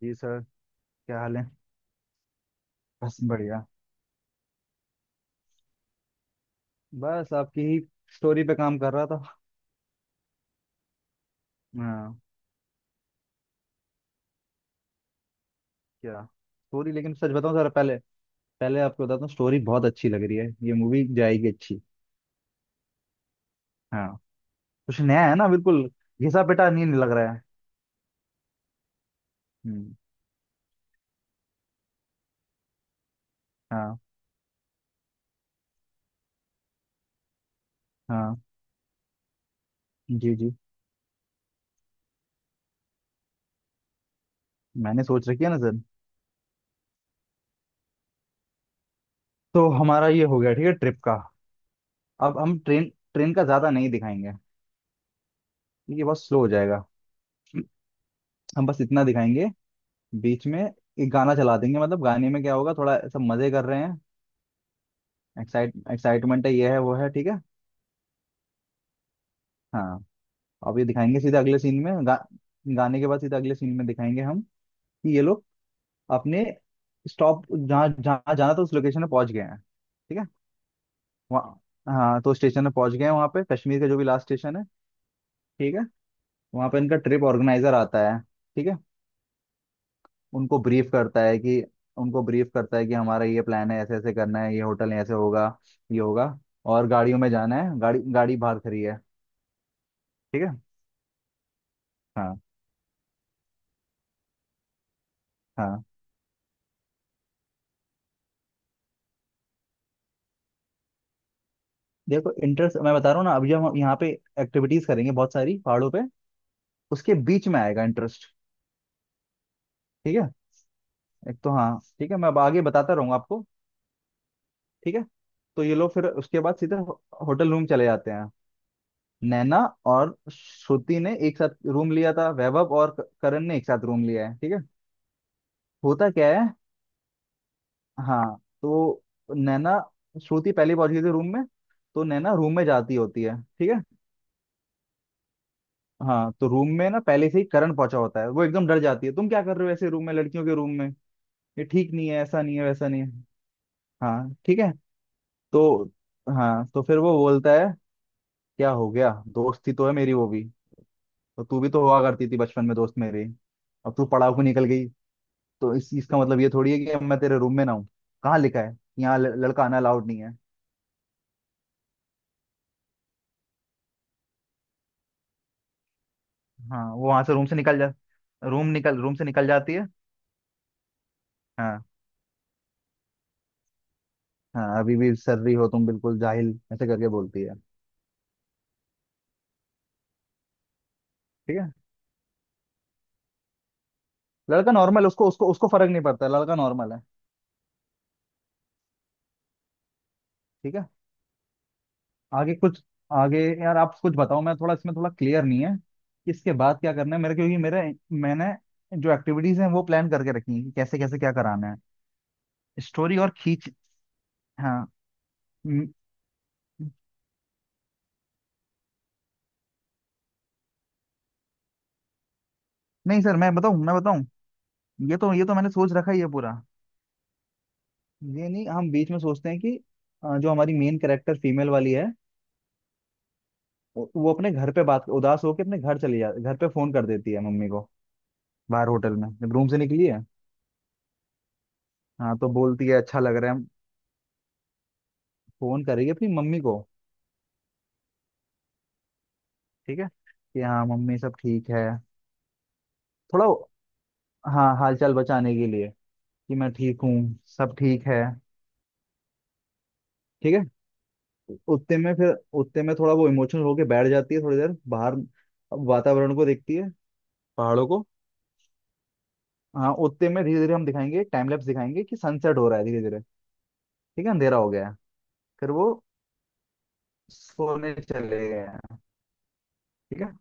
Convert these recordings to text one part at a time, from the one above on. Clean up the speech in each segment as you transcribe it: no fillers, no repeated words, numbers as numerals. जी sir. क्या हाल है? बस बढ़िया। बस आपकी ही स्टोरी पे काम कर रहा था। हाँ। क्या स्टोरी, लेकिन सच बताऊं सर, पहले पहले आपको बताता हूँ, स्टोरी बहुत अच्छी लग रही है, ये मूवी जाएगी अच्छी। हाँ। कुछ नया है ना, बिल्कुल घिसा पिटा नहीं लग रहा है। हम्म। हाँ, हाँ। जी जी। मैंने सोच रखी है ना सर। तो हमारा ये हो गया, ठीक है, ट्रिप का। अब हम ट्रेन ट्रेन का ज्यादा नहीं दिखाएंगे। ये बहुत स्लो हो जाएगा। हम बस इतना दिखाएंगे, बीच में एक गाना चला देंगे, मतलब गाने में क्या होगा, थोड़ा ऐसा मजे कर रहे हैं, एक्साइटमेंट है, ये है वो है, ठीक है। हाँ। अब ये दिखाएंगे, सीधे अगले सीन में गाने के बाद सीधे अगले सीन में दिखाएंगे हम कि ये लोग अपने स्टॉप जहाँ जहाँ जाना था उस लोकेशन में पहुंच गए हैं, ठीक है। वहाँ, हाँ, तो स्टेशन में पहुंच गए हैं, वहाँ पे कश्मीर का जो भी लास्ट स्टेशन है, ठीक है। वहाँ पे इनका ट्रिप ऑर्गेनाइजर आता है, ठीक है। उनको ब्रीफ करता है कि उनको ब्रीफ करता है कि हमारा ये प्लान है, ऐसे ऐसे करना है, ये होटल ऐसे होगा, ये होगा, और गाड़ियों में जाना है, गाड़ी गाड़ी बाहर खड़ी है, ठीक है। हाँ, हाँ। देखो इंटरेस्ट मैं बता रहा हूँ ना, अभी जब हम यहाँ पे एक्टिविटीज करेंगे बहुत सारी पहाड़ों पे, उसके बीच में आएगा इंटरेस्ट, ठीक है। एक तो, हाँ, ठीक है, मैं अब आगे बताता रहूंगा आपको, ठीक है। तो ये लोग फिर उसके बाद सीधे होटल रूम चले जाते हैं। नैना और श्रुति ने एक साथ रूम लिया था, वैभव और करण ने एक साथ रूम लिया है, ठीक है। होता क्या है, हाँ, तो नैना, श्रुति पहले पहुंच गई थी रूम में, तो नैना रूम में जाती होती है, ठीक है। हाँ, तो रूम में ना पहले से ही करंट पहुंचा होता है, वो एकदम डर जाती है, तुम क्या कर रहे हो ऐसे रूम में, लड़कियों के रूम में, ये ठीक नहीं है, ऐसा नहीं है, वैसा नहीं है। हाँ, ठीक है। तो, हाँ, तो फिर वो बोलता है, क्या हो गया, दोस्ती तो है मेरी, वो भी तो, तू भी तो हुआ करती थी बचपन में दोस्त मेरी, अब तू पड़ाव को निकल गई, तो इस चीज का मतलब ये थोड़ी है कि अब मैं तेरे रूम में ना हूँ, कहाँ लिखा है यहाँ लड़का आना अलाउड नहीं है। हाँ, वो वहां से रूम से निकल जा रूम निकल रूम से निकल जाती है। हाँ। हाँ, अभी भी सर्री हो तुम, बिल्कुल जाहिल, ऐसे करके बोलती है। ठीक है। लड़का नॉर्मल, उसको उसको उसको फर्क नहीं पड़ता, लड़का नॉर्मल है, ठीक है। आगे कुछ, आगे यार आप कुछ बताओ। मैं थोड़ा इसमें, थोड़ा क्लियर नहीं है इसके बाद क्या करना है मेरे, क्योंकि मेरे, मैंने जो एक्टिविटीज हैं वो प्लान करके रखी हैं कि कैसे कैसे क्या कराना है, स्टोरी और खींच। हाँ। हम्म। नहीं सर मैं बताऊं। ये तो मैंने सोच रखा ही है पूरा। ये नहीं, हम बीच में सोचते हैं कि जो हमारी मेन कैरेक्टर फीमेल वाली है, वो अपने घर पे बात, उदास होकर अपने घर चली जा घर पे फोन कर देती है मम्मी को, बाहर होटल में जब रूम से निकली है। हाँ, तो बोलती है अच्छा लग रहा है। फोन करेगी अपनी मम्मी को, ठीक है, कि हाँ मम्मी सब ठीक है। थोड़ा, हाँ, हालचाल बचाने के लिए, कि मैं ठीक हूँ, सब ठीक है, ठीक है। उतने में फिर, उतने में थोड़ा वो इमोशनल होके बैठ जाती है थोड़ी देर, बाहर वातावरण को देखती है, पहाड़ों को। हाँ, उतने में धीरे धीरे हम दिखाएंगे, टाइम लैप्स दिखाएंगे कि सनसेट हो रहा है धीरे धीरे, ठीक है, अंधेरा हो गया है। फिर वो सोने चले गए हैं, ठीक है।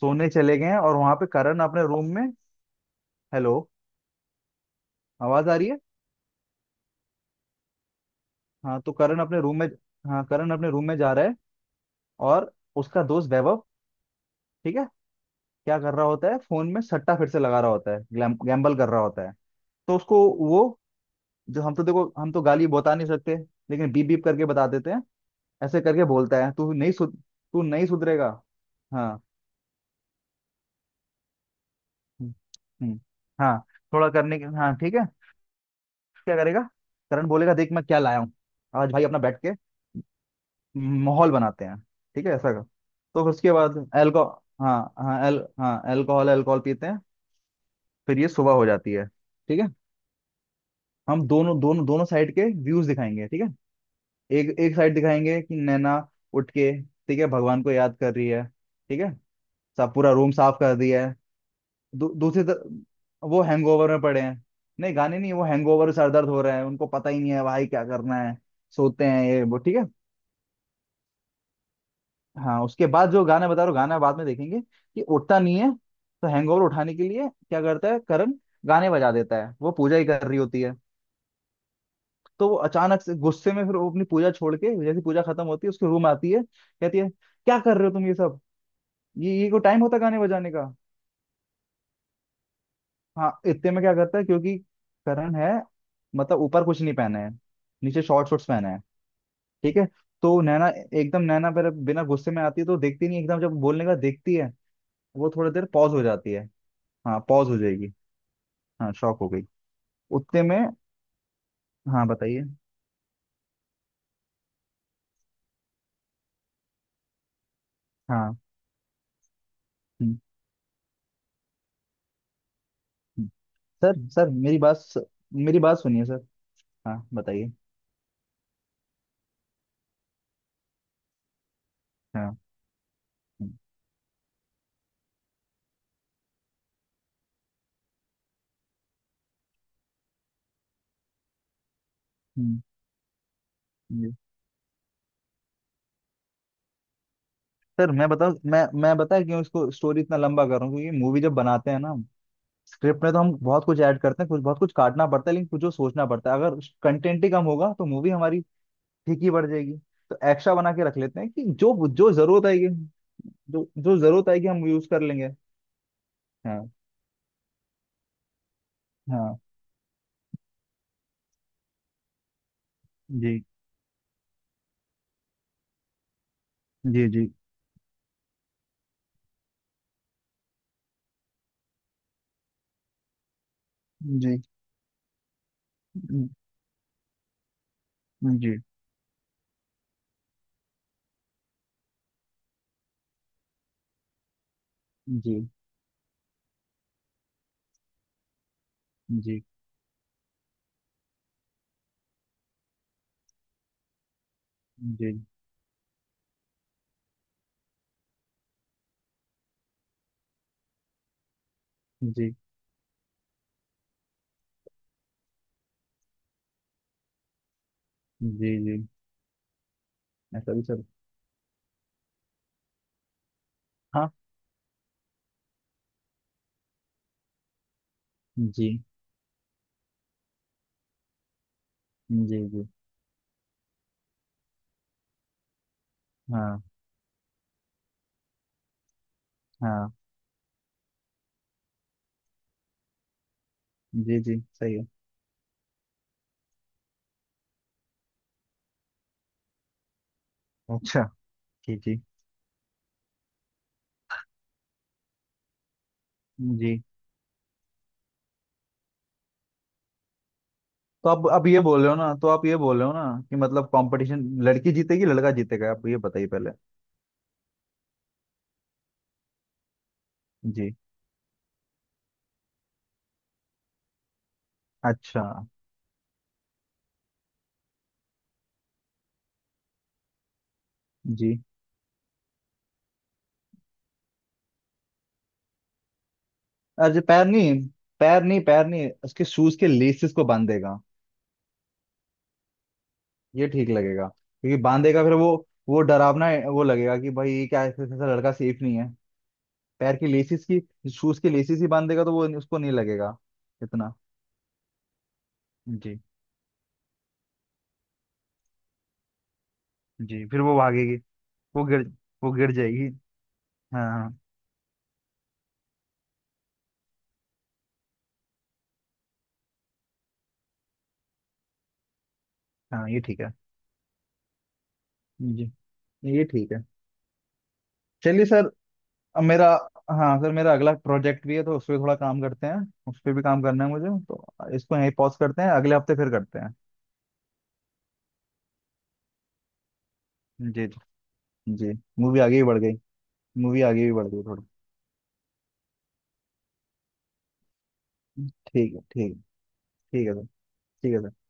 सोने चले गए हैं, और वहां पे करण अपने रूम में। हेलो, आवाज आ रही है। हाँ, तो करण अपने रूम में, हाँ, करण अपने रूम में जा रहा है, और उसका दोस्त वैभव, ठीक है। क्या कर रहा होता है, फोन में सट्टा फिर से लगा रहा होता है, गैम्बल कर रहा होता है। तो उसको वो, जो हम तो, देखो हम तो गाली बता नहीं सकते, लेकिन बीप बीप करके बता देते हैं। ऐसे करके बोलता है, तू नहीं सुधरेगा। हाँ। हम्म। हम्म। हाँ, थोड़ा करने के, हाँ, ठीक है। क्या करेगा, करण बोलेगा, देख मैं क्या लाया हूँ, आज भाई अपना बैठ के माहौल बनाते हैं। ठीक है, ऐसा कर, तो फिर उसके बाद एल्को हाँ, हाँ, एल हाँ, एल्कोहल एल्कोहल पीते हैं। फिर ये सुबह हो जाती है, ठीक है। हम दोनों दोनों दोनों साइड के व्यूज दिखाएंगे, ठीक है। एक एक साइड दिखाएंगे कि नैना उठ के, ठीक है, भगवान को याद कर रही है, ठीक है, सब पूरा रूम साफ कर दिया है। दूसरी तरफ वो हैंगओवर में पड़े हैं। नहीं, गाने नहीं, वो हैंगओवर, सर दर्द हो रहे हैं उनको, पता ही नहीं है भाई क्या करना है, सोते हैं ये वो, ठीक है। हाँ, उसके बाद जो गाना बता रहा हूँ, गाना बाद में देखेंगे कि उठता नहीं है, तो हैंगओवर उठाने के लिए क्या करता है करण, गाने बजा देता है, वो पूजा ही कर रही होती है। तो वो अचानक से गुस्से में, फिर वो अपनी पूजा छोड़ के, जैसे पूजा खत्म होती है उसके रूम आती है, कहती है क्या कर रहे हो तुम ये सब, ये को टाइम होता है गाने बजाने का। हाँ, इतने में क्या करता है, क्योंकि करण है, मतलब ऊपर कुछ नहीं पहना है, नीचे शॉर्ट्स पहना है, ठीक है। तो नैना, एकदम नैना पर बिना गुस्से में आती है तो देखती नहीं, एकदम जब बोलने का देखती है, वो थोड़ी देर पॉज हो जाती है। हाँ, पॉज हो जाएगी। हाँ, शॉक हो गई। उतने में, हाँ बताइए। हाँ। हम्म। हम्म। सर सर मेरी बात, मेरी बात सुनिए सर। हाँ बताइए। हाँ। हम्म। हम्म, ये। सर मैं बताऊँ, मैं बताया क्यों इसको स्टोरी इतना लंबा कर रहा हूँ, क्योंकि मूवी जब बनाते हैं ना, स्क्रिप्ट में, तो हम बहुत कुछ ऐड करते हैं, कुछ बहुत कुछ काटना पड़ता है, लेकिन कुछ जो सोचना पड़ता है, अगर कंटेंट ही कम होगा तो मूवी हमारी फीकी पड़ जाएगी, तो एक्स्ट्रा बना के रख लेते हैं कि जो जो जरूरत आएगी, हम यूज कर लेंगे। हाँ, हाँ। जी जी, जी जी, जी जी, जी जी, जी जी, जी। ऐसा भी सर। हाँ। जी जी, जी। हाँ, हाँ। जी जी सही है। अच्छा। जी जी, जी। तो अब ये बोल रहे हो ना तो आप ये बोल रहे हो ना, कि मतलब कंपटीशन लड़की जीतेगी, लड़का जीतेगा, आप ये बताइए पहले। जी। अच्छा। जी। अरे, पैर नहीं, पैर नहीं, पैर नहीं, उसके शूज के लेसेस को बांधेगा। ये ठीक लगेगा, क्योंकि बांधेगा फिर वो डरावना है, वो लगेगा कि भाई ये क्या, ऐसा ऐसा लड़का सेफ नहीं है। पैर की लेसिस की, शूज की लेसिस ही बांधेगा, तो वो उसको नहीं लगेगा इतना। जी जी। फिर वो भागेगी, वो गिर वो गिर जाएगी। हाँ। हाँ, ये ठीक है। जी। ये ठीक है। चलिए सर, अब मेरा, हाँ सर, मेरा अगला प्रोजेक्ट भी है तो उस पर थोड़ा काम करते हैं, उस पर भी काम करना है मुझे, तो इसको यहीं पॉज करते हैं, अगले हफ्ते फिर करते हैं। जी जी, जी। मूवी आगे भी बढ़ गई मूवी आगे भी बढ़ गई थोड़ी। ठीक है, ठीक है। ठीक है सर। ठीक है सर।